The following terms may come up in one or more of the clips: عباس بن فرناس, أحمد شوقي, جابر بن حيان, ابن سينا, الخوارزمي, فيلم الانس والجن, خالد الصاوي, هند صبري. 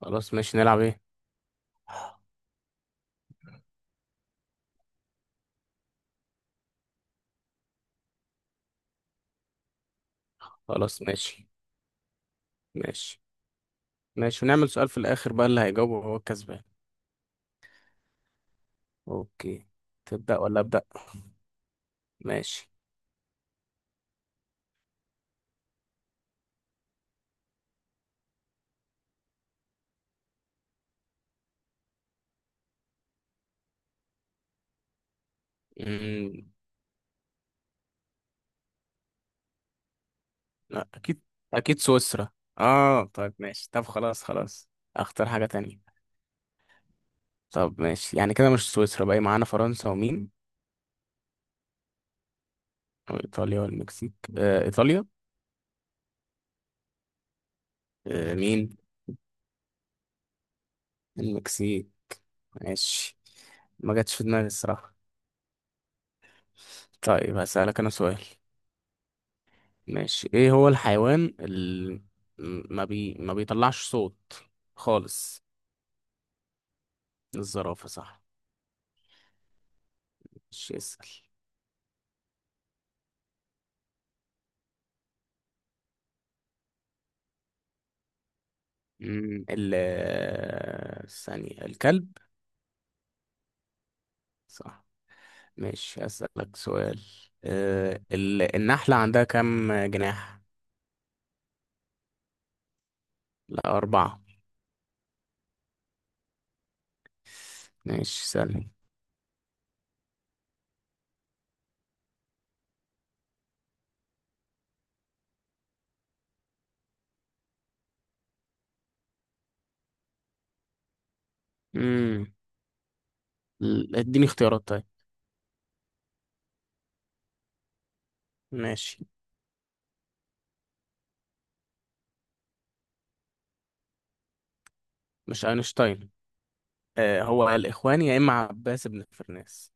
خلاص، ماشي. نلعب ايه؟ خلاص، ماشي. ماشي. ماشي. ونعمل سؤال في الاخر بقى اللي هيجاوبه هو الكسبان. اوكي. تبدأ ولا أبدأ؟ ماشي. امم لا، اكيد. اكيد سويسرا. اه، طيب، ماشي. طب خلاص خلاص. اختار حاجة تانية. طب، ماشي. يعني كده مش سويسرا. باقي معانا فرنسا ومين؟ وايطاليا والمكسيك. آه، ايطاليا. مين؟ المكسيك. ماشي. ما جاتش في دماغي الصراحة. طيب، هسألك انا سؤال. ماشي، ايه هو الحيوان اللي ما بيطلعش صوت خالص؟ الزرافة، صح. مش اسأل. مم، ال ثانية، الكلب. صح. ماشي، أسألك سؤال. النحلة عندها كم جناح؟ لا، أربعة. ماشي، سألني. مم، اديني اختيارات طيب. ماشي. مش أينشتاين. هو الإخوان يا إما عباس بن فرناس.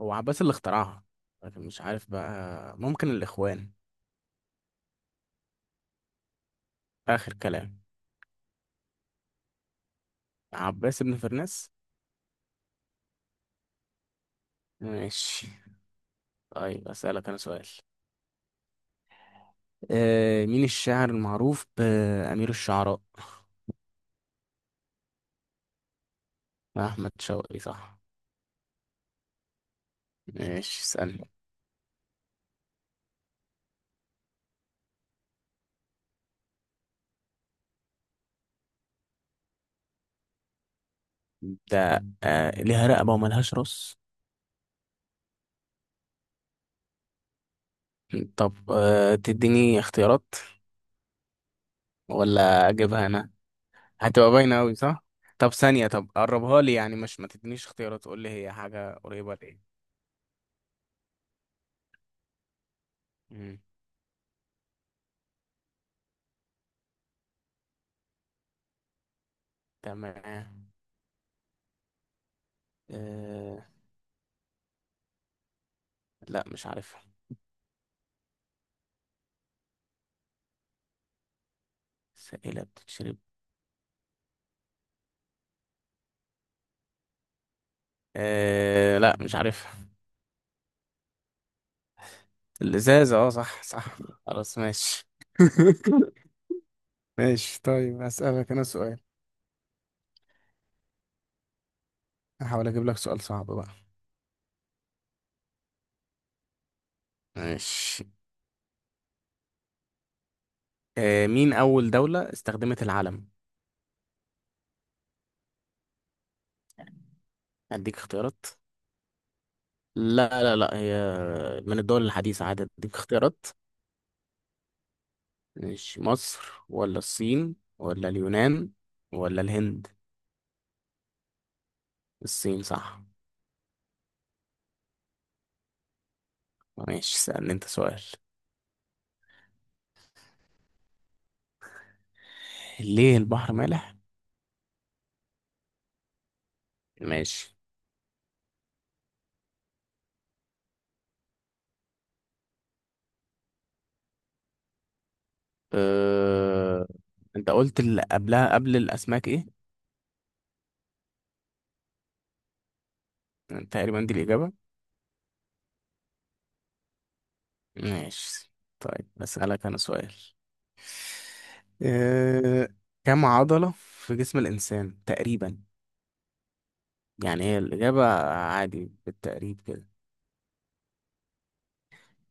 هو عباس اللي اخترعها، لكن مش عارف بقى، ممكن الإخوان. آخر كلام. عباس بن فرناس. ماشي. طيب، أسألك أنا سؤال. مين الشاعر المعروف بأمير الشعراء؟ أحمد شوقي، صح. ماشي، اسألني. ده، ليها رقبة وملهاش راس؟ طب، تديني اختيارات؟ ولا أجيبها أنا؟ هتبقى باينة أوي، صح. طب، ثانية. طب، قربها لي يعني، مش ما تدينيش اختيارات، قول لي هي حاجة قريبة لإيه. مم، تمام. آه، لا، مش عارفها. سائلة بتتشرب؟ لا، مش عارفها. الإزازة، اه، صح، صح. خلاص، ماشي. ماشي. طيب، أسألك أنا سؤال. هحاول أجيب لك سؤال صعب بقى. ماشي. مين أول دولة استخدمت العلم؟ أديك اختيارات. لا، لا، لا، هي من الدول الحديثة عادي، أديك اختيارات. ماشي، مصر ولا الصين ولا اليونان ولا الهند؟ الصين، صح. ماشي، سألني أنت سؤال. ليه البحر مالح؟ ماشي. أه... انت قلت اللي قبلها قبل الاسماك ايه؟ تقريبا دي الاجابه. ماشي. طيب، اسالك انا سؤال. أه... كم عضله في جسم الانسان تقريبا؟ يعني هي الاجابه، عادي بالتقريب كده.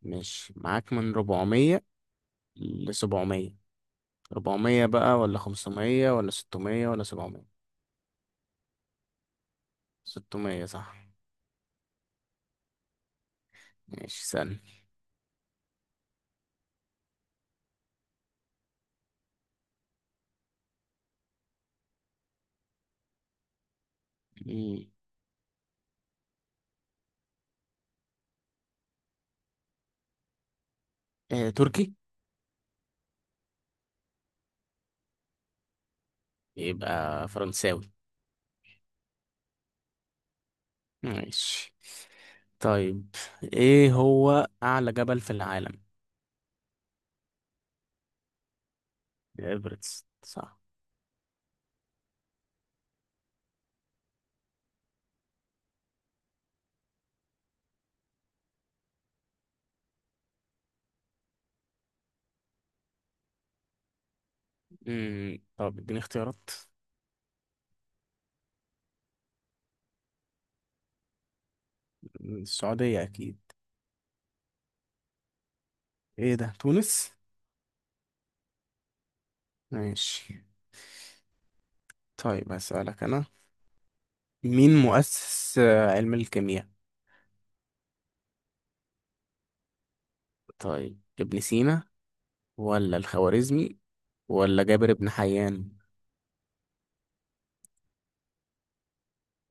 ماشي، معاك من 400 ل 700. 400 بقى ولا 500 ولا 600 ولا 700؟ 600، صح. ماشي، سألني. مم. تركي. يبقى فرنساوي. ماشي. طيب، ايه هو اعلى جبل في العالم؟ ايفرست، صح. طب، اديني اختيارات. السعودية اكيد. ايه ده، تونس؟ ماشي. طيب، هسألك انا. مين مؤسس علم الكيمياء؟ طيب، ابن سينا ولا الخوارزمي ولا جابر بن حيان؟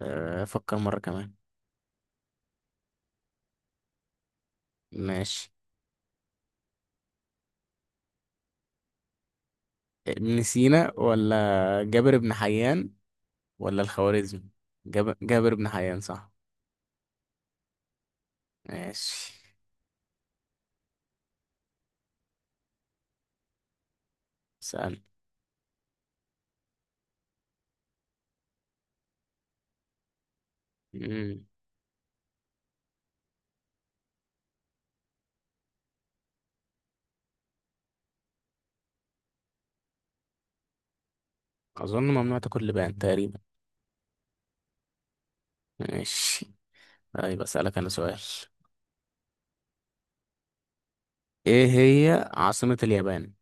افكر مرة كمان. ماشي. ابن سينا ولا جابر بن حيان ولا الخوارزمي؟ جابر بن حيان، صح. ماشي. سأل. مم. أظن ممنوع تاكل لبان تقريبا. ماشي. طيب، أسألك أنا سؤال. إيه هي عاصمة اليابان؟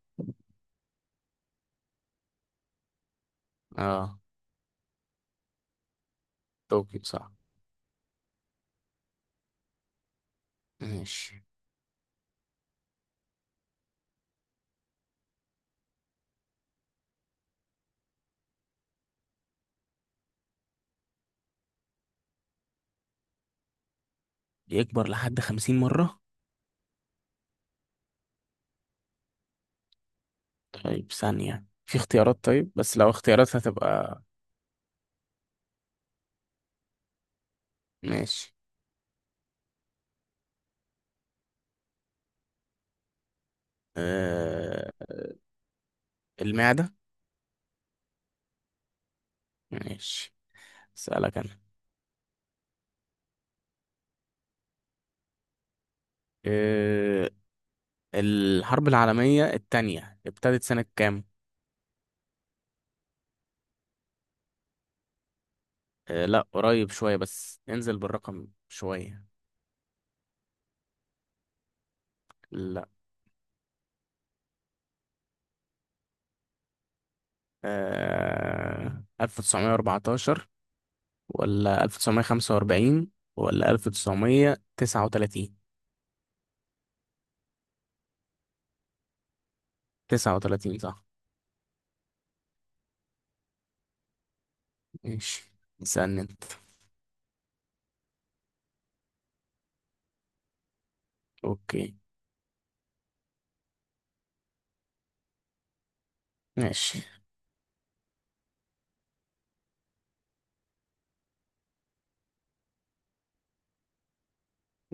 آه طوكيو، صح. ماشي. يكبر لحد 50 مرة؟ طيب، ثانية. في اختيارات؟ طيب، بس لو اختيارات هتبقى. ماشي. آه... المعدة. ماشي، أسألك أنا. آه... الحرب العالمية التانية ابتدت سنة كام؟ لا، قريب شوية، بس انزل بالرقم شوية. لا. 1914 ولا 1945 ولا 1939؟ 39، صح. ماشي، اسألني انت. اوكي. ماشي.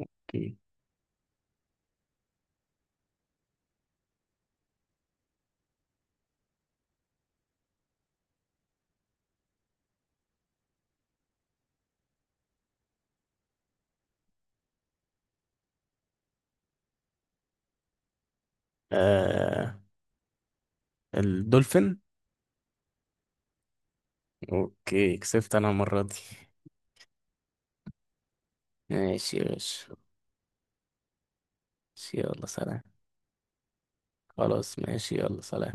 اوكي. آه الدولفين. اوكي، كسبت انا المرة دي. ماشي يا باشا. ماشي، يلا سلام. خلاص، ماشي، يلا سلام.